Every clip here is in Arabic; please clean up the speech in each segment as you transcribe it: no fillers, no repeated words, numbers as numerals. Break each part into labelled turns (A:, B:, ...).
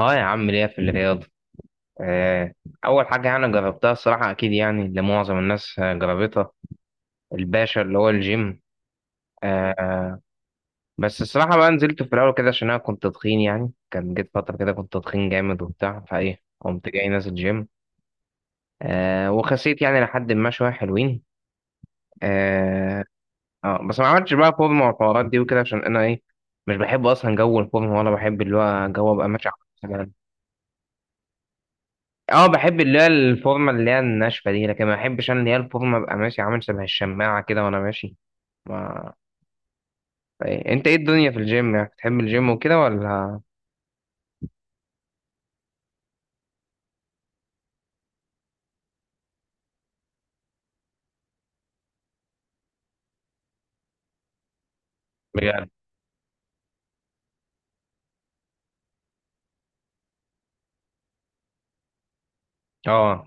A: اه يا عم ليا في الرياضة. آه، أول حاجة يعني جربتها الصراحة، أكيد يعني اللي معظم الناس جربتها، الباشا اللي هو الجيم. آه، بس الصراحة بقى نزلت في الأول كده عشان أنا كنت تخين، يعني كان جيت فترة كده كنت تخين جامد وبتاع، فإيه قمت جاي نازل جيم وخسيت يعني لحد ما شوية حلوين. آه، بس ما عملتش بقى فورمة والحوارات دي وكده، عشان أنا إيه، مش بحب أصلا جو الفورمة، ولا بحب اللي هو جو أبقى ماشي. اه، بحب اللي هي الفورمه اللي هي الناشفه دي، لكن ما بحبش انا اللي هي الفورمه ابقى ماشي عامل شبه الشماعه كده وانا ماشي. ما إيه. انت ايه الدنيا في الجيم، يعني بتحب الجيم وكده ولا؟ بجد؟ اه.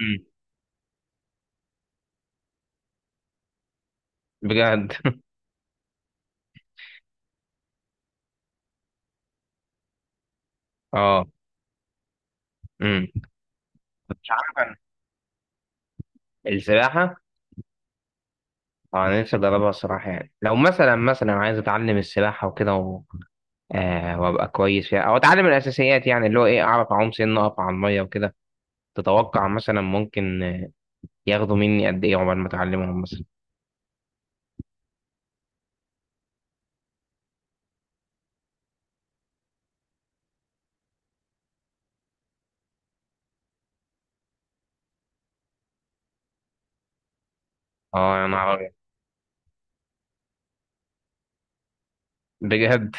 A: امم. بجد؟ اه. امم. مش عارف انا السباحه. اه، انا نفسي اجربها الصراحه، يعني لو مثلا عايز اتعلم السباحه وكده وابقى كويس فيها، او اتعلم الاساسيات، يعني اللي هو ايه، اعرف اعوم، سن اقف على الميه وكده. تتوقع مثلا ممكن ياخدوا مني قد ايه عقبال ما اتعلمهم مثلا؟ اه انا، بجد.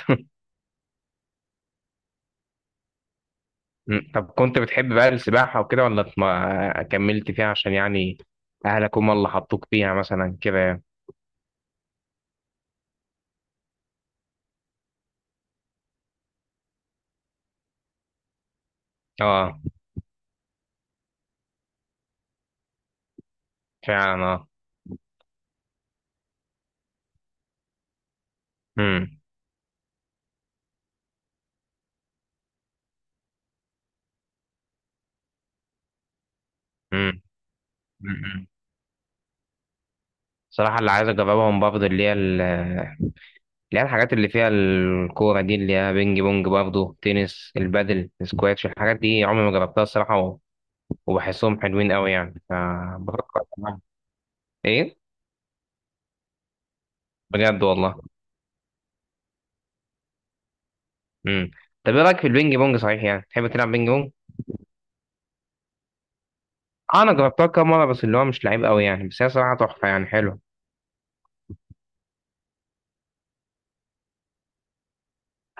A: طب كنت بتحب بقى السباحة وكده، ولا ما كملت فيها عشان يعني أهلك هم اللي حطوك فيها مثلا كده يعني؟ اه فعلا. اه. امم. امم. امم. صراحة اللي عايز أجربهم برضه، اللي هي الحاجات اللي فيها الكورة دي، اللي هي بينج بونج، برضه تنس، البادل، السكواتش، الحاجات دي عمري ما جربتها الصراحة وبحسهم حلوين قوي يعني، فبفكر أتعلمها. إيه؟ بجد والله؟ امم. طب إيه رأيك في البينج بونج صحيح، يعني تحب تلعب بينج بونج؟ اه، انا جربتها كام مره، بس اللي هو مش لعيب قوي يعني، بس هي صراحه تحفه يعني، حلوه.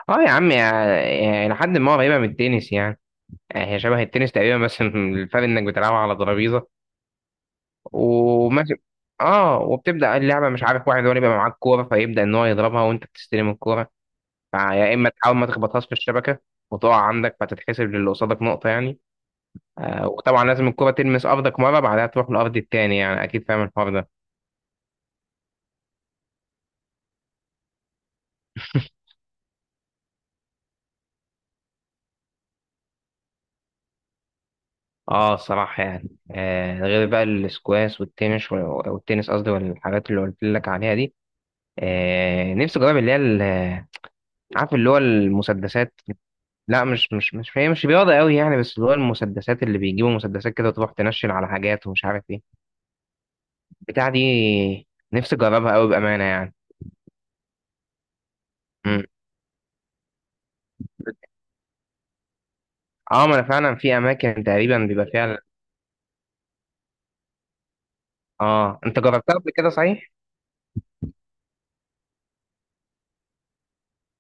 A: اه يا عم، يعني لحد ما قريبه من التنس يعني، يعني هي شبه التنس تقريبا، بس الفرق انك بتلعبها على ترابيزه وماشي. اه وبتبدا اللعبه، مش عارف، واحد هو اللي بيبقى معاك كوره، فيبدا ان هو يضربها وانت بتستلم الكوره، فيا اما تحاول ما تخبطهاش في الشبكه وتقع عندك، فتتحسب للي قصادك نقطه يعني. آه وطبعا لازم الكوره تلمس ارضك مره، بعدها تروح للارض التاني يعني، اكيد فاهم الحوار ده. اه صراحة يعني، غير بقى الاسكواش والتنس والتنس قصدي، والحاجات اللي قلت لك عليها دي، نفسي اجرب عارف اللي هو المسدسات. لا، مش هي مش رياضة قوي يعني، بس اللي هو المسدسات، اللي بيجيبوا مسدسات كده وتروح تنشل على حاجات، ومش عارف ايه، البتاع دي نفسي اجربها قوي بأمانة يعني. مم. اه ما انا فعلا، في اماكن تقريبا بيبقى فيها. اه انت جربتها قبل كده صحيح؟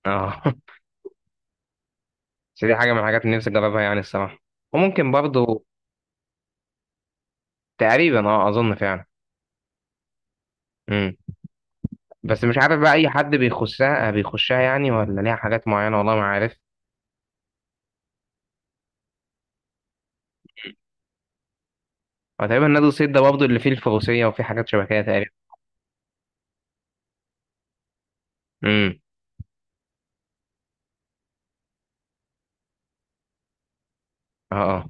A: اه بس دي حاجة من الحاجات اللي نفسي اجربها يعني الصراحة، وممكن برضو. تقريبا اه، اظن فعلا. امم. بس مش عارف بقى، اي حد بيخشها بيخشها يعني، ولا ليها حاجات معينه، والله ما عارف. هو تقريبا نادي الصيد ده برضه اللي فيه الفروسيه وفيه حاجات شبه كده تقريبا. امم. اه اه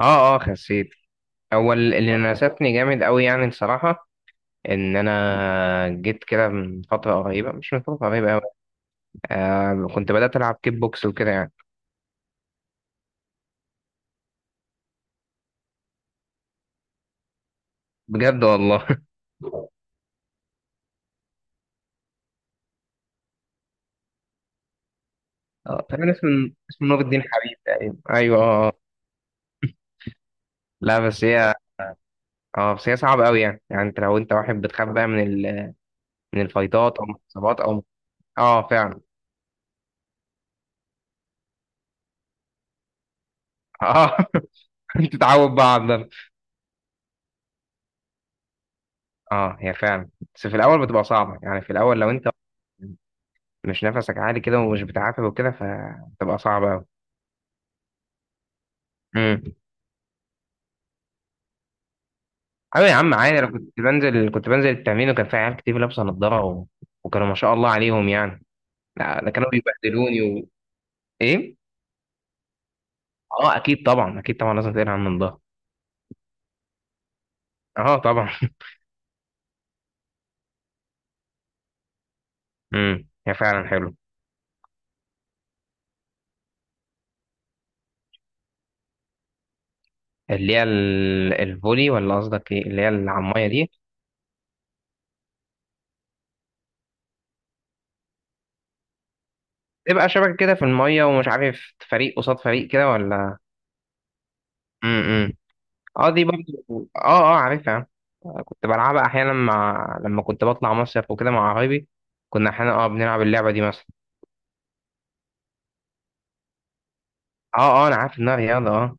A: اه. اه خسيت. اللي ناسفني جامد قوي يعني الصراحه، ان انا جيت كده من فتره قريبه، مش من فتره قريبه قوي، كنت بدات العب كيك بوكس وكده يعني. بجد والله. اه، تقريبا اسمه نور الدين حبيب تقريبا، ايوه اه آه. لا بس هي، اه بس هي صعبه قوي يعني، يعني انت لو انت واحد بتخاف بقى من الفايتات، او من الإصابات او. اه فعلا. اه تتعود بقى على الضغط. اه هي فعلا. بس في الاول بتبقى صعبه يعني، في الاول لو انت مش نفسك عالي كده، ومش بتعافى وكده، فبتبقى صعبه قوي. امم. ايوه يا عم عادي، انا كنت بنزل التمرين، وكان في عيال كتير لابسه نضاره وكانوا ما شاء الله عليهم يعني. لا ده كانوا بيبهدلوني ايه. اه اكيد طبعا، اكيد طبعا لازم تقلع عن الضهر. اه طبعا. هي فعلا حلو. الفولي، ولا قصدك ايه اللي هي اللي على الميه دي؟ تبقى شبكة كده في المية، ومش عارف فريق قصاد فريق كده ولا؟ امم. اه دي برضه، اه اه عارفها، كنت بلعبها احيانا، مع لما كنت بطلع مصيف وكده مع قرايبي، كنا احيانا اه بنلعب اللعبة دي مثلا. اه اه انا عارف انها رياضة اه.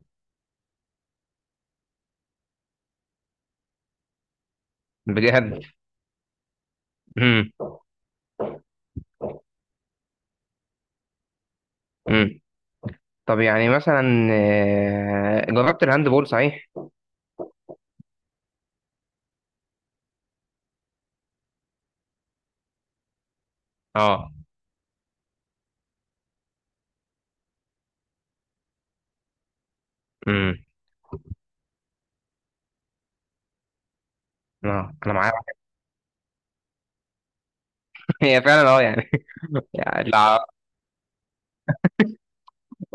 A: بجد؟ امم. امم. طب يعني مثلا جربت الهاند بول صحيح؟ اه. امم. اه انا معايا. هي فعلا اه يعني. يعني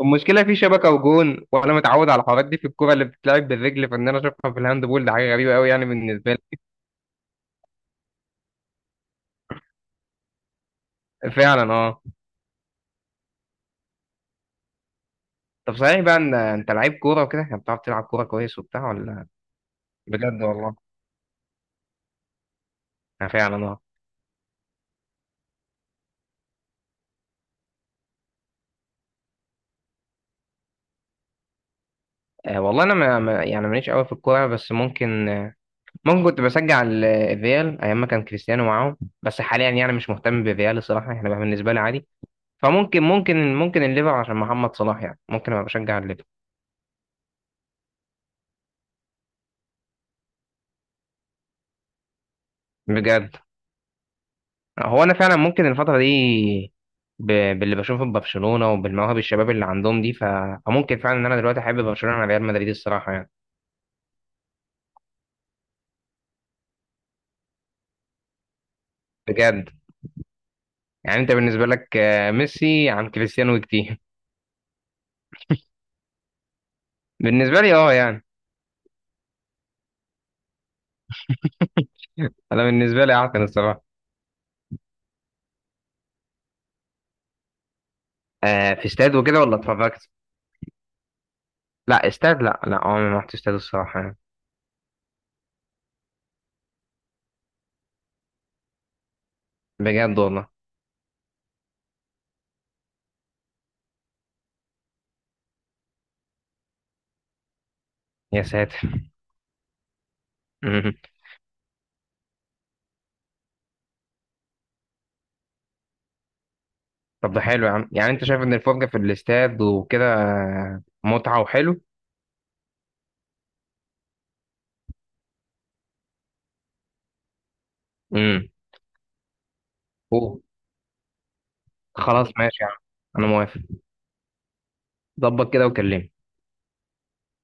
A: المشكله في شبكه وجون، وانا متعود على الحوارات دي في الكوره اللي بتتلعب بالرجل، فان انا اشوفها في الهاند بول ده حاجه غريبه قوي يعني بالنسبه لي فعلا اه. طب صحيح بقى ان انت لعيب كوره وكده يعني، بتعرف تلعب كوره كويس وبتاع ولا؟ بجد والله. انا فعلا اه. والله انا يعني ماليش قوي في الكوره، بس ممكن ممكن كنت بشجع الريال ايام ما كان كريستيانو معاهم، بس حاليا يعني مش مهتم بالريال الصراحه يعني، بقى بالنسبه لي عادي. فممكن ممكن ممكن الليفر عشان محمد صلاح يعني، ممكن ابقى بشجع الليفر. بجد. هو انا فعلا ممكن الفتره دي ب... باللي بشوفه في برشلونه، وبالمواهب الشباب اللي عندهم دي، فممكن فعلا ان انا دلوقتي احب برشلونه عن ريال مدريد الصراحه يعني. بجد. يعني انت بالنسبه لك ميسي عن كريستيانو كتير. بالنسبه لي اه يعني، انا بالنسبه لي اعتقد الصراحه. في استاد وكده، ولا اتفرجت؟ لا استاد، لا لا عمري ما رحت استاد الصراحه يعني. بجد والله. يا ساتر. طب ده حلو يا عم يعني، انت شايف ان الفرجه في الاستاد وكده متعه وحلو؟ امم. خلاص ماشي يا عم، انا موافق. ظبط كده وكلمني.